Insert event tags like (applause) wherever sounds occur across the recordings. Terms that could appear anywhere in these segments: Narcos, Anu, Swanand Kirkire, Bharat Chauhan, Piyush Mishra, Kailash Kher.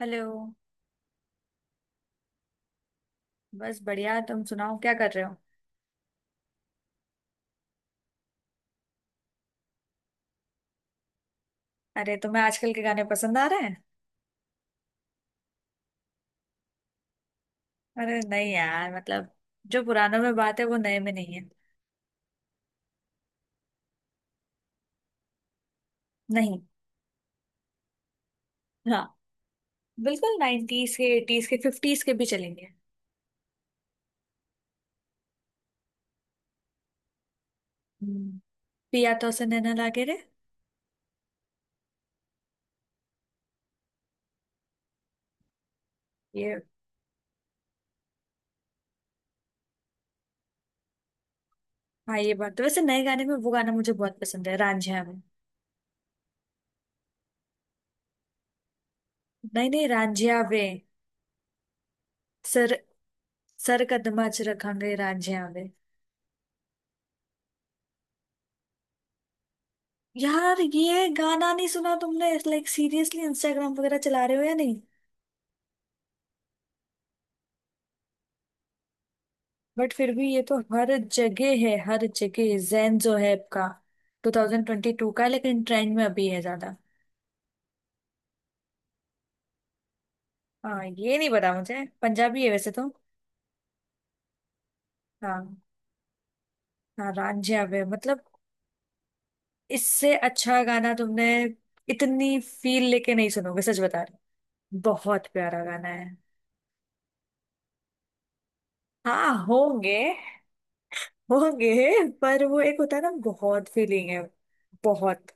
Hello. बस बढ़िया, तुम सुनाओ क्या कर रहे हो? अरे तुम्हें आजकल के गाने पसंद आ रहे हैं? अरे नहीं यार, मतलब जो पुरानों में बात है वो नए में नहीं है। नहीं। हाँ, बिल्कुल। नाइन्टीज के, एटीज के, फिफ्टीज के भी चलेंगे। हम्म, पिया तो से नैना लागे रे। ये, हाँ ये बात तो। वैसे नए गाने में वो गाना मुझे बहुत पसंद है, रांझिया में। नहीं नहीं रांझिया वे। सर, सर कदमा च रखांगे रांझिया वे। यार ये गाना नहीं सुना तुमने? लाइक सीरियसली, इंस्टाग्राम वगैरह चला रहे हो या नहीं? बट फिर भी ये तो हर जगह है, हर जगह। जैन जो है आपका। 2022 का है, लेकिन ट्रेंड में अभी है ज्यादा। हाँ ये नहीं पता मुझे, पंजाबी है वैसे तो। हाँ। हाँ रांझा वे, मतलब इससे अच्छा गाना तुमने इतनी फील लेके नहीं सुनोगे, सच बता रही। बहुत प्यारा गाना है। हाँ होंगे। होंगे, पर वो एक होता है ना, बहुत फीलिंग है। बहुत।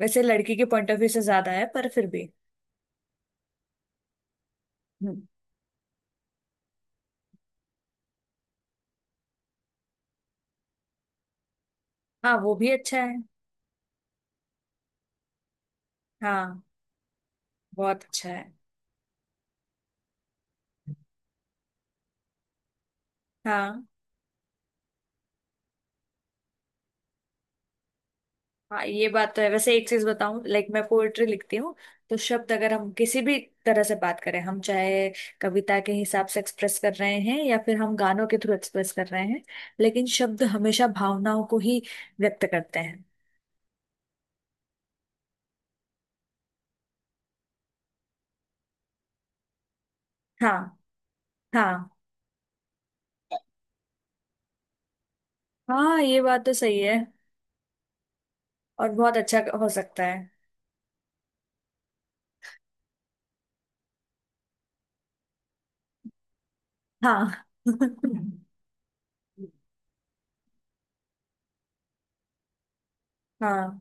वैसे लड़की के पॉइंट ऑफ व्यू से ज्यादा है, पर फिर भी। हम्म, हाँ वो भी अच्छा है। हाँ, बहुत अच्छा है। हाँ। हाँ ये बात तो है। वैसे एक चीज बताऊं, लाइक मैं पोएट्री लिखती हूँ, तो शब्द अगर हम किसी भी तरह से बात करें, हम चाहे कविता के हिसाब से एक्सप्रेस कर रहे हैं या फिर हम गानों के थ्रू एक्सप्रेस कर रहे हैं, लेकिन शब्द हमेशा भावनाओं को ही व्यक्त करते हैं। हाँ। हाँ। हाँ ये बात तो सही है, और बहुत अच्छा हो सकता है। हाँ। (laughs) हाँ।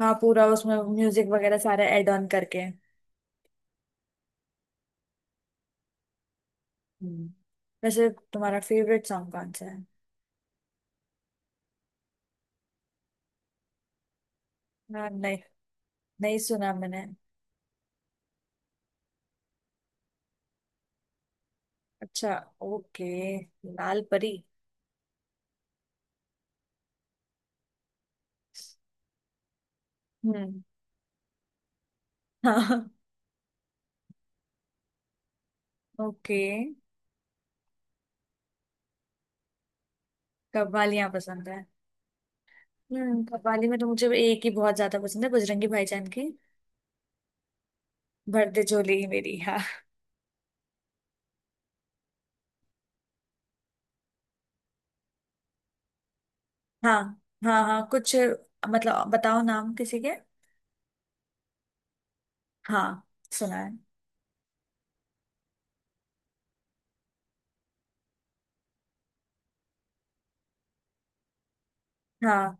हाँ पूरा उसमें म्यूजिक वगैरह सारे ऐड ऑन करके। हम्म। वैसे तुम्हारा फेवरेट सॉन्ग कौन सा है? हाँ, नहीं। नहीं सुना मैंने। अच्छा, ओके, लाल परी। हम्म। हाँ। ओके। कव्वालियाँ पसंद है। कव्वाली में तो मुझे एक ही बहुत ज्यादा पसंद है, बजरंगी भाईजान की। भर दे झोली ही मेरी, हाँ। हाँ। हाँ हाँ, कुछ मतलब बताओ नाम किसी के। हाँ, सुना है। हाँ।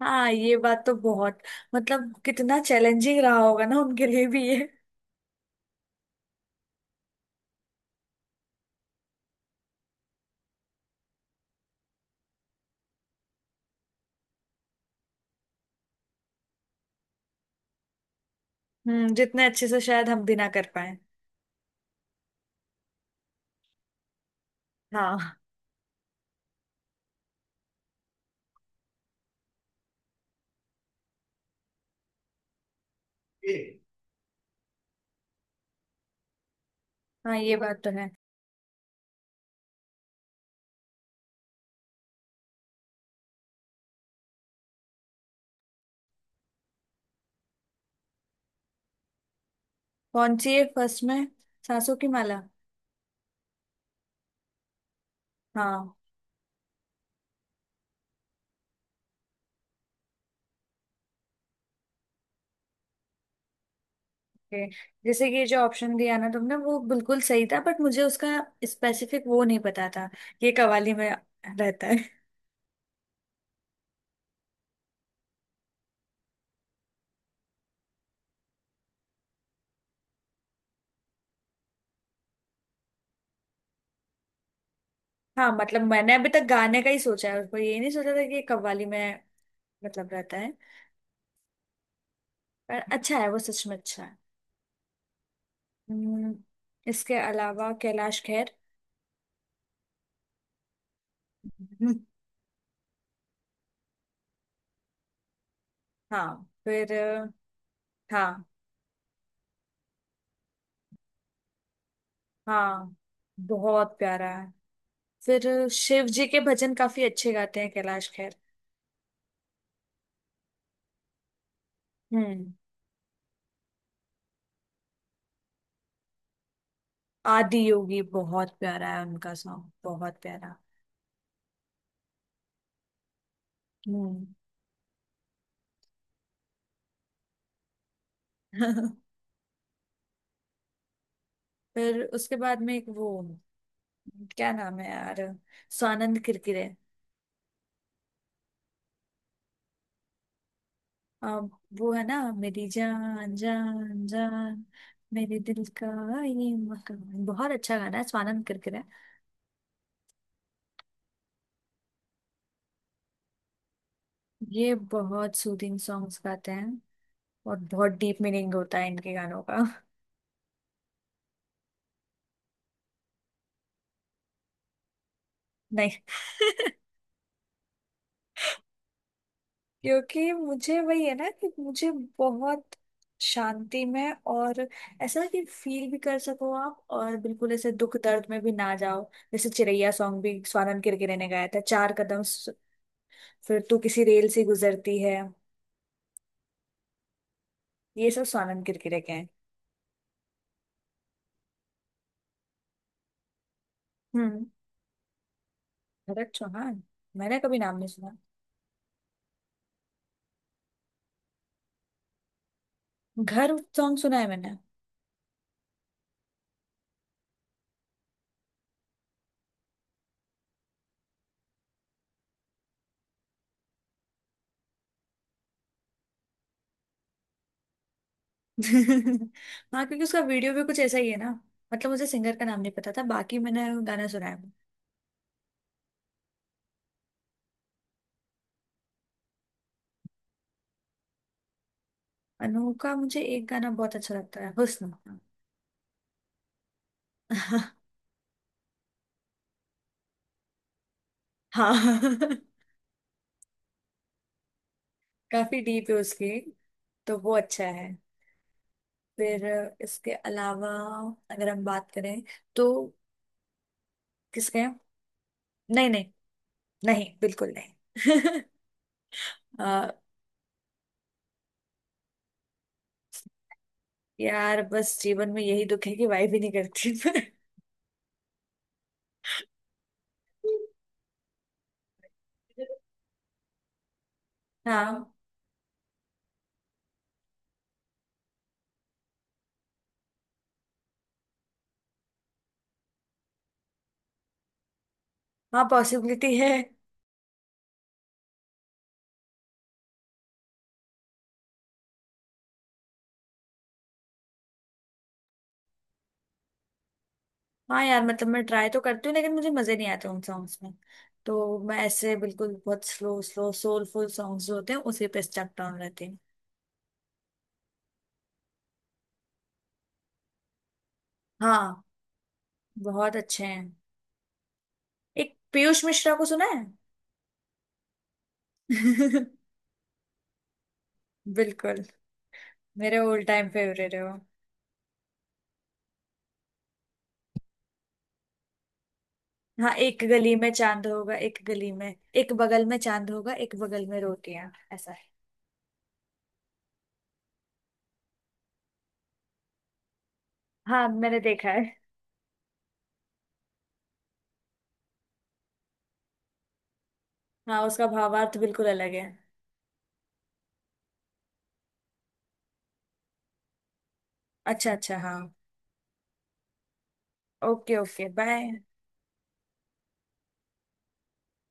हाँ ये बात तो बहुत, मतलब कितना चैलेंजिंग रहा होगा ना उनके लिए भी ये। जितने अच्छे से शायद हम भी ना कर पाए। हाँ। हाँ ये बात तो है। कौन सी है फर्स्ट में? सांसों की माला? हाँ। ओके। जैसे कि ये जो ऑप्शन दिया ना तुमने, वो बिल्कुल सही था, बट मुझे उसका स्पेसिफिक वो नहीं पता था, ये कव्वाली में रहता है। हाँ मतलब मैंने अभी तक गाने का ही सोचा है उसको, ये नहीं सोचा था कि ये कव्वाली में मतलब रहता है। पर अच्छा है, वो सच में अच्छा है। हम्म, इसके अलावा कैलाश खेर। (laughs) हम्म, हाँ फिर हाँ। हाँ बहुत प्यारा है। फिर शिव जी के भजन काफी अच्छे गाते हैं कैलाश खेर। हम्म आदि योगी बहुत प्यारा है उनका, सॉन्ग बहुत प्यारा। हम्म (laughs) फिर उसके बाद में एक वो क्या नाम है यार, स्वानंद किरकिरे। अम, वो है ना, मेरी जान जान जान, मेरे दिल का ये मकान, बहुत अच्छा गाना है, स्वानंद किरकिरे। ये बहुत सूदिंग सॉन्ग्स गाते हैं और बहुत डीप मीनिंग होता है इनके गानों का। (laughs) नहीं। (laughs) क्योंकि मुझे वही है ना कि मुझे बहुत शांति में, और ऐसा कि फील भी कर सको आप, और बिल्कुल ऐसे दुख दर्द में भी ना जाओ। जैसे चिरैया सॉन्ग भी स्वानंद किरकिरे ने गाया था, फिर तू किसी रेल से गुजरती है, ये सब स्वानंद किरकिरे के हैं। हम्म। भरत चौहान, मैंने कभी नाम नहीं सुना। घर सॉन्ग सुना है मैंने। (laughs) हाँ, क्योंकि उसका वीडियो भी कुछ ऐसा ही है ना। मतलब मुझे सिंगर का नाम नहीं पता था, बाकी मैंने गाना सुना है। अनु का मुझे एक गाना बहुत अच्छा लगता है, हुस्न। (laughs) हाँ। (laughs) काफी डीप है उसके, तो वो अच्छा है। फिर इसके अलावा अगर हम बात करें तो किसके हैं? नहीं। नहीं, बिल्कुल नहीं। (laughs) अ, यार बस जीवन में यही दुख है कि वाइफ ही नहीं करती। (laughs) हाँ। हाँ पॉसिबिलिटी है। हाँ यार मतलब मैं ट्राई तो करती हूँ, लेकिन मुझे मजे नहीं आते उन सॉन्ग्स में, तो मैं ऐसे बिल्कुल बहुत स्लो स्लो सोलफुल सॉन्ग्स जो होते हैं उसी पे स्टक डाउन रहती हूँ। हाँ, बहुत अच्छे हैं। एक पीयूष मिश्रा को सुना है। (laughs) बिल्कुल, मेरे ऑल टाइम फेवरेट है वो। हाँ, एक गली में चांद होगा, एक गली में, एक बगल में चांद होगा एक बगल में रोटियां, ऐसा है। हाँ मैंने देखा है। हाँ उसका भावार्थ बिल्कुल अलग है। अच्छा अच्छा, हाँ। Okay okay, bye.